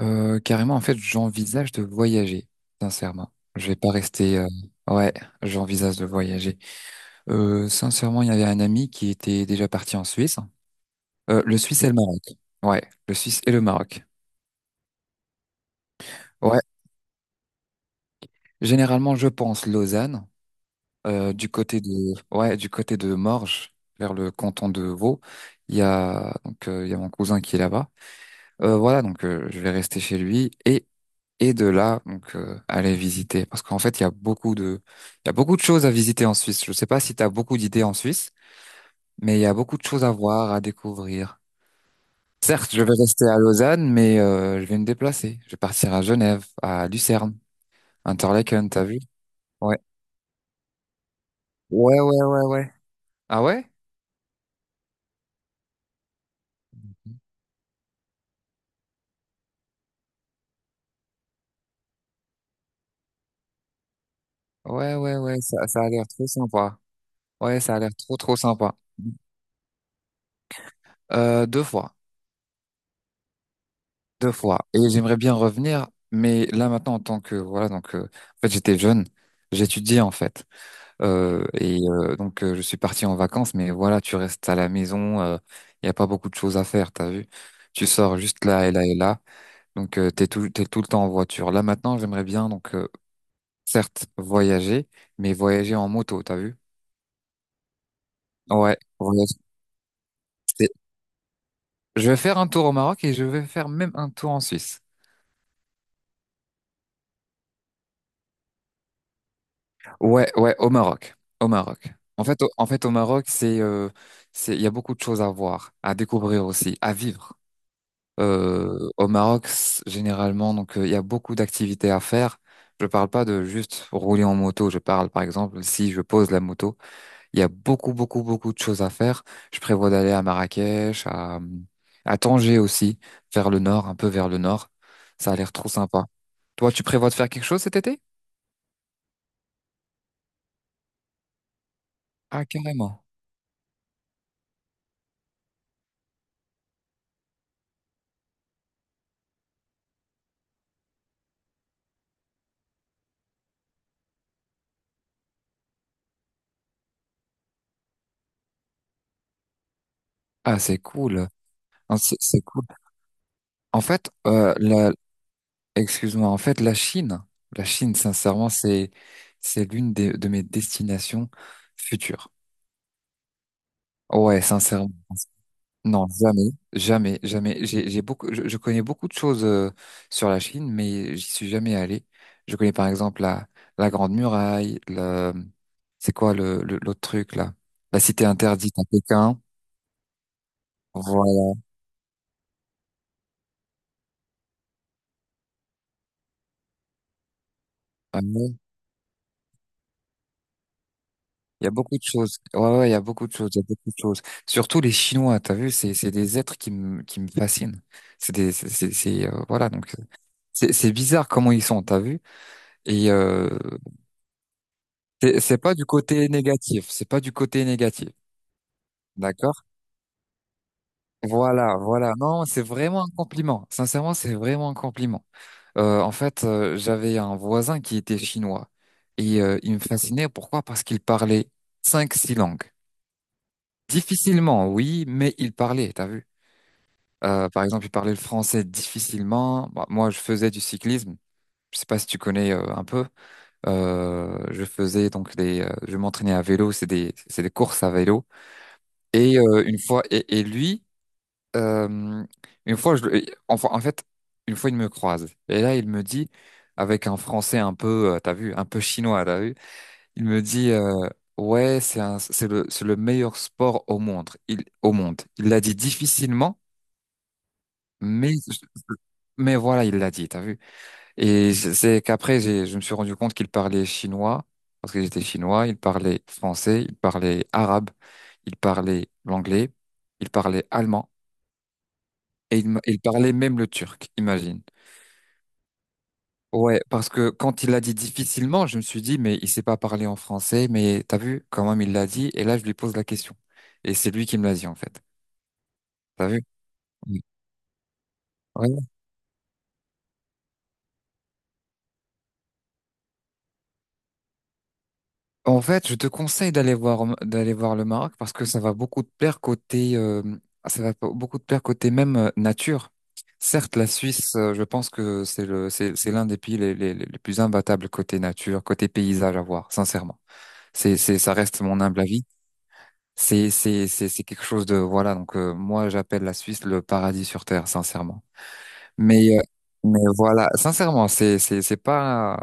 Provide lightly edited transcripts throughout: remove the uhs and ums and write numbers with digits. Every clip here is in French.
Carrément, en fait, j'envisage de voyager, sincèrement. Je vais pas rester. Ouais, j'envisage de voyager. Sincèrement, il y avait un ami qui était déjà parti en Suisse. Le Suisse et le Maroc. Ouais, le Suisse et le Maroc. Ouais, généralement, je pense Lausanne, du côté de, ouais, du côté de Morges, vers le canton de Vaud. Il y a mon cousin qui est là-bas. Voilà, donc je vais rester chez lui et de là donc aller visiter parce qu'en fait il y a beaucoup de choses à visiter en Suisse. Je sais pas si tu as beaucoup d'idées en Suisse, mais il y a beaucoup de choses à voir, à découvrir. Certes, je vais rester à Lausanne, mais je vais me déplacer. Je vais partir à Genève, à Lucerne, Interlaken, t'as vu? Ouais. Ouais, ouais, ouais, ouais. Ah ouais? Ouais, ouais, ouais, ça a l'air trop sympa. Ouais, ça a l'air trop, trop sympa. Deux fois. Deux fois. Et j'aimerais bien revenir, mais là maintenant en tant que voilà en fait j'étais jeune, j'étudiais en fait. Et donc je suis parti en vacances, mais voilà tu restes à la maison, il y a pas beaucoup de choses à faire, t'as vu? Tu sors juste là et là et là, donc t'es tout le temps en voiture. Là maintenant j'aimerais bien donc certes voyager, mais voyager en moto, t'as vu? Ouais, voyager. C'est- Je vais faire un tour au Maroc et je vais faire même un tour en Suisse. Ouais, ouais, au Maroc. Au Maroc. En fait, au Maroc, il y a beaucoup de choses à voir, à découvrir aussi, à vivre. Au Maroc, généralement, donc, il y a beaucoup d'activités à faire. Je parle pas de juste rouler en moto. Je parle, par exemple, si je pose la moto, il y a beaucoup, beaucoup, beaucoup de choses à faire. Je prévois d'aller à Marrakech, à Tanger aussi, vers le nord, un peu vers le nord. Ça a l'air trop sympa. Toi, tu prévois de faire quelque chose cet été? Ah, carrément. Ah, c'est cool. Ah, c'est cool. En fait, excuse-moi, en fait, la Chine, sincèrement, c'est l'une de mes destinations futures. Ouais, sincèrement. Non, jamais, jamais, jamais. Je connais beaucoup de choses sur la Chine, mais j'y suis jamais allé. Je connais par exemple la Grande Muraille, c'est quoi l'autre truc là? La Cité interdite à Pékin. Voilà. Ah, il y a beaucoup de choses. Ouais, ouais, il y a beaucoup de choses. Il y a beaucoup de choses. Surtout les Chinois, t'as vu, c'est des êtres qui me fascinent. C'est des, c'est, voilà, donc, c'est bizarre comment ils sont, t'as vu. Et, euh, c'est pas du côté négatif. C'est pas du côté négatif. D'accord? Voilà, voilà. Non, c'est vraiment un compliment. Sincèrement, c'est vraiment un compliment. En fait, j'avais un voisin qui était chinois. Et, il me fascinait. Pourquoi? Parce qu'il parlait cinq, six langues. Difficilement, oui, mais il parlait, t'as vu? Par exemple, il parlait le français difficilement. Bah, moi, je faisais du cyclisme. Je sais pas si tu connais un peu. Je faisais donc je m'entraînais à vélo. C'est des courses à vélo. Et une fois, et lui, euh, une fois, enfin, en fait, une fois, il me croise. Et là, il me dit, avec un français un peu, t'as vu, un peu chinois, t'as vu. Il me dit, ouais, c'est le meilleur sport au monde. Au monde. Il l'a dit difficilement. Mais, mais voilà, il l'a dit, t'as vu? Et c'est qu'après, je me suis rendu compte qu'il parlait chinois, parce que j'étais chinois, il parlait français, il parlait arabe, il parlait l'anglais, il parlait allemand, et il parlait même le turc, imagine. Ouais, parce que quand il l'a dit difficilement, je me suis dit, mais il sait pas parler en français, mais t'as vu, quand même, il l'a dit, et là, je lui pose la question. Et c'est lui qui me l'a dit, en fait. T'as vu? Oui. En fait, je te conseille d'aller voir le Maroc parce que ça va beaucoup te plaire côté même nature. Certes, la Suisse, je pense que c'est le c'est l'un des pays les plus imbattables côté nature, côté paysage à voir, sincèrement. C'est ça reste mon humble avis. C'est quelque chose de voilà, donc moi j'appelle la Suisse le paradis sur terre, sincèrement. Mais, euh, mais voilà, sincèrement, c'est pas.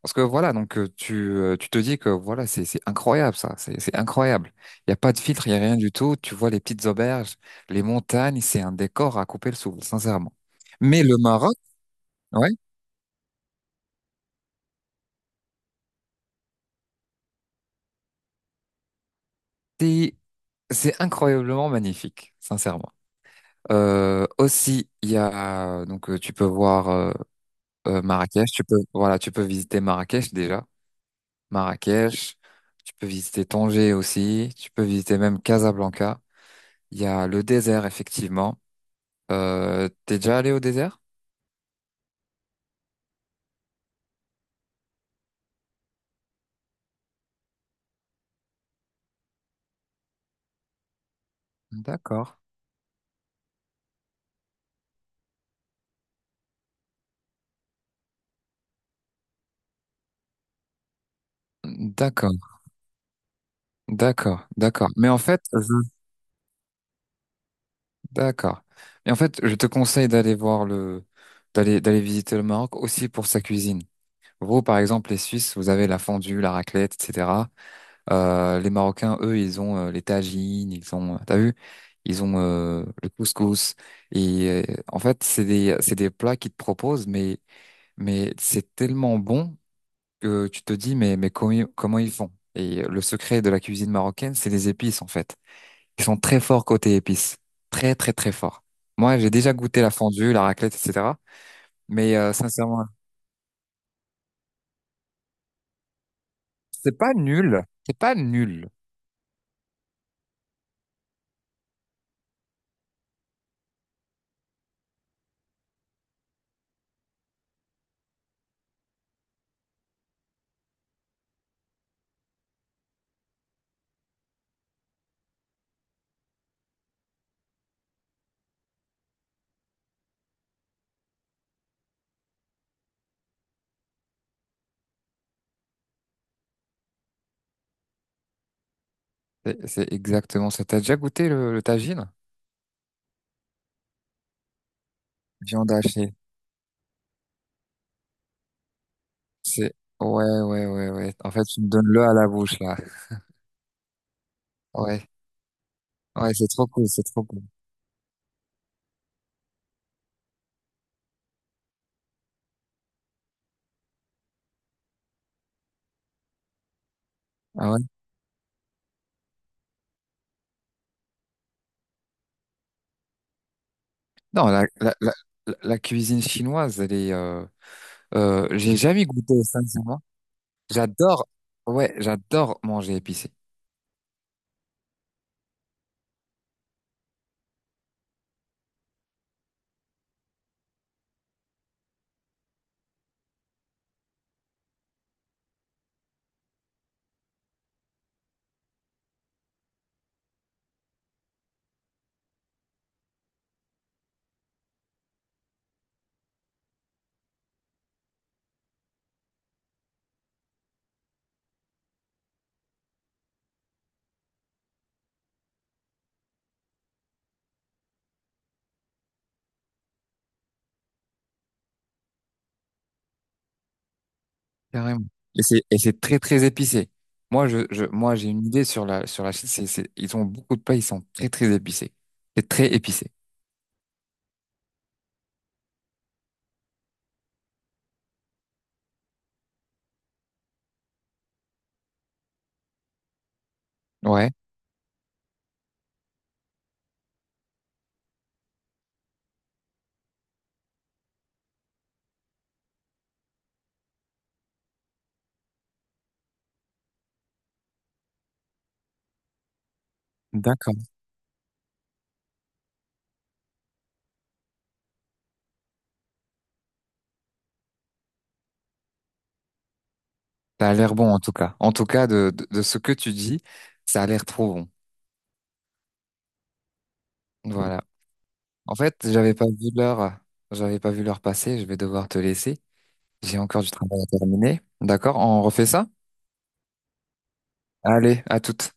Parce que voilà, donc tu te dis que voilà, c'est incroyable ça, c'est incroyable. Il n'y a pas de filtre, il n'y a rien du tout. Tu vois les petites auberges, les montagnes, c'est un décor à couper le souffle, sincèrement. Mais le Maroc, ouais, c'est, c'est incroyablement magnifique, sincèrement. Aussi, il y a, donc tu peux voir Marrakech, voilà, tu peux visiter Marrakech déjà. Marrakech, tu peux visiter Tanger aussi, tu peux visiter même Casablanca. Il y a le désert, effectivement. T'es déjà allé au désert? D'accord. D'accord, d'accord, d'accord. Mais en fait, d'accord. Mais en fait, je te conseille d'aller visiter le Maroc aussi pour sa cuisine. Vous, par exemple, les Suisses, vous avez la fondue, la raclette, etc. Les Marocains, eux, ils ont les tagines, ils ont, t'as vu, ils ont le couscous. Et en fait, c'est des plats qu'ils te proposent, mais c'est tellement bon que tu te dis, mais comment ils font? Et le secret de la cuisine marocaine, c'est les épices, en fait. Ils sont très forts côté épices, très, très, très forts. Moi, j'ai déjà goûté la fondue, la raclette, etc. Mais sincèrement, c'est pas nul, c'est pas nul. C'est exactement ça. T'as déjà goûté le tagine? Viande hachée. C'est Ouais, ouais, ouais, ouais. En fait, tu me donnes le à la bouche là. Ouais, ouais, c'est trop cool, c'est trop cool. Ah ouais? Non, la cuisine chinoise, elle est. J'ai jamais goûté, sincèrement. J'adore, ouais, j'adore manger épicé, carrément. Et c'est très très épicé. Moi, j'ai une idée sur la Chine. Ils ont beaucoup de plats, ils sont très très épicés. C'est très épicé. Ouais, d'accord. Ça a l'air bon en tout cas. En tout cas, de ce que tu dis, ça a l'air trop bon. Voilà. En fait, j'avais pas vu l'heure passer, je vais devoir te laisser. J'ai encore du travail à terminer. D'accord, on refait ça? Allez, à toutes.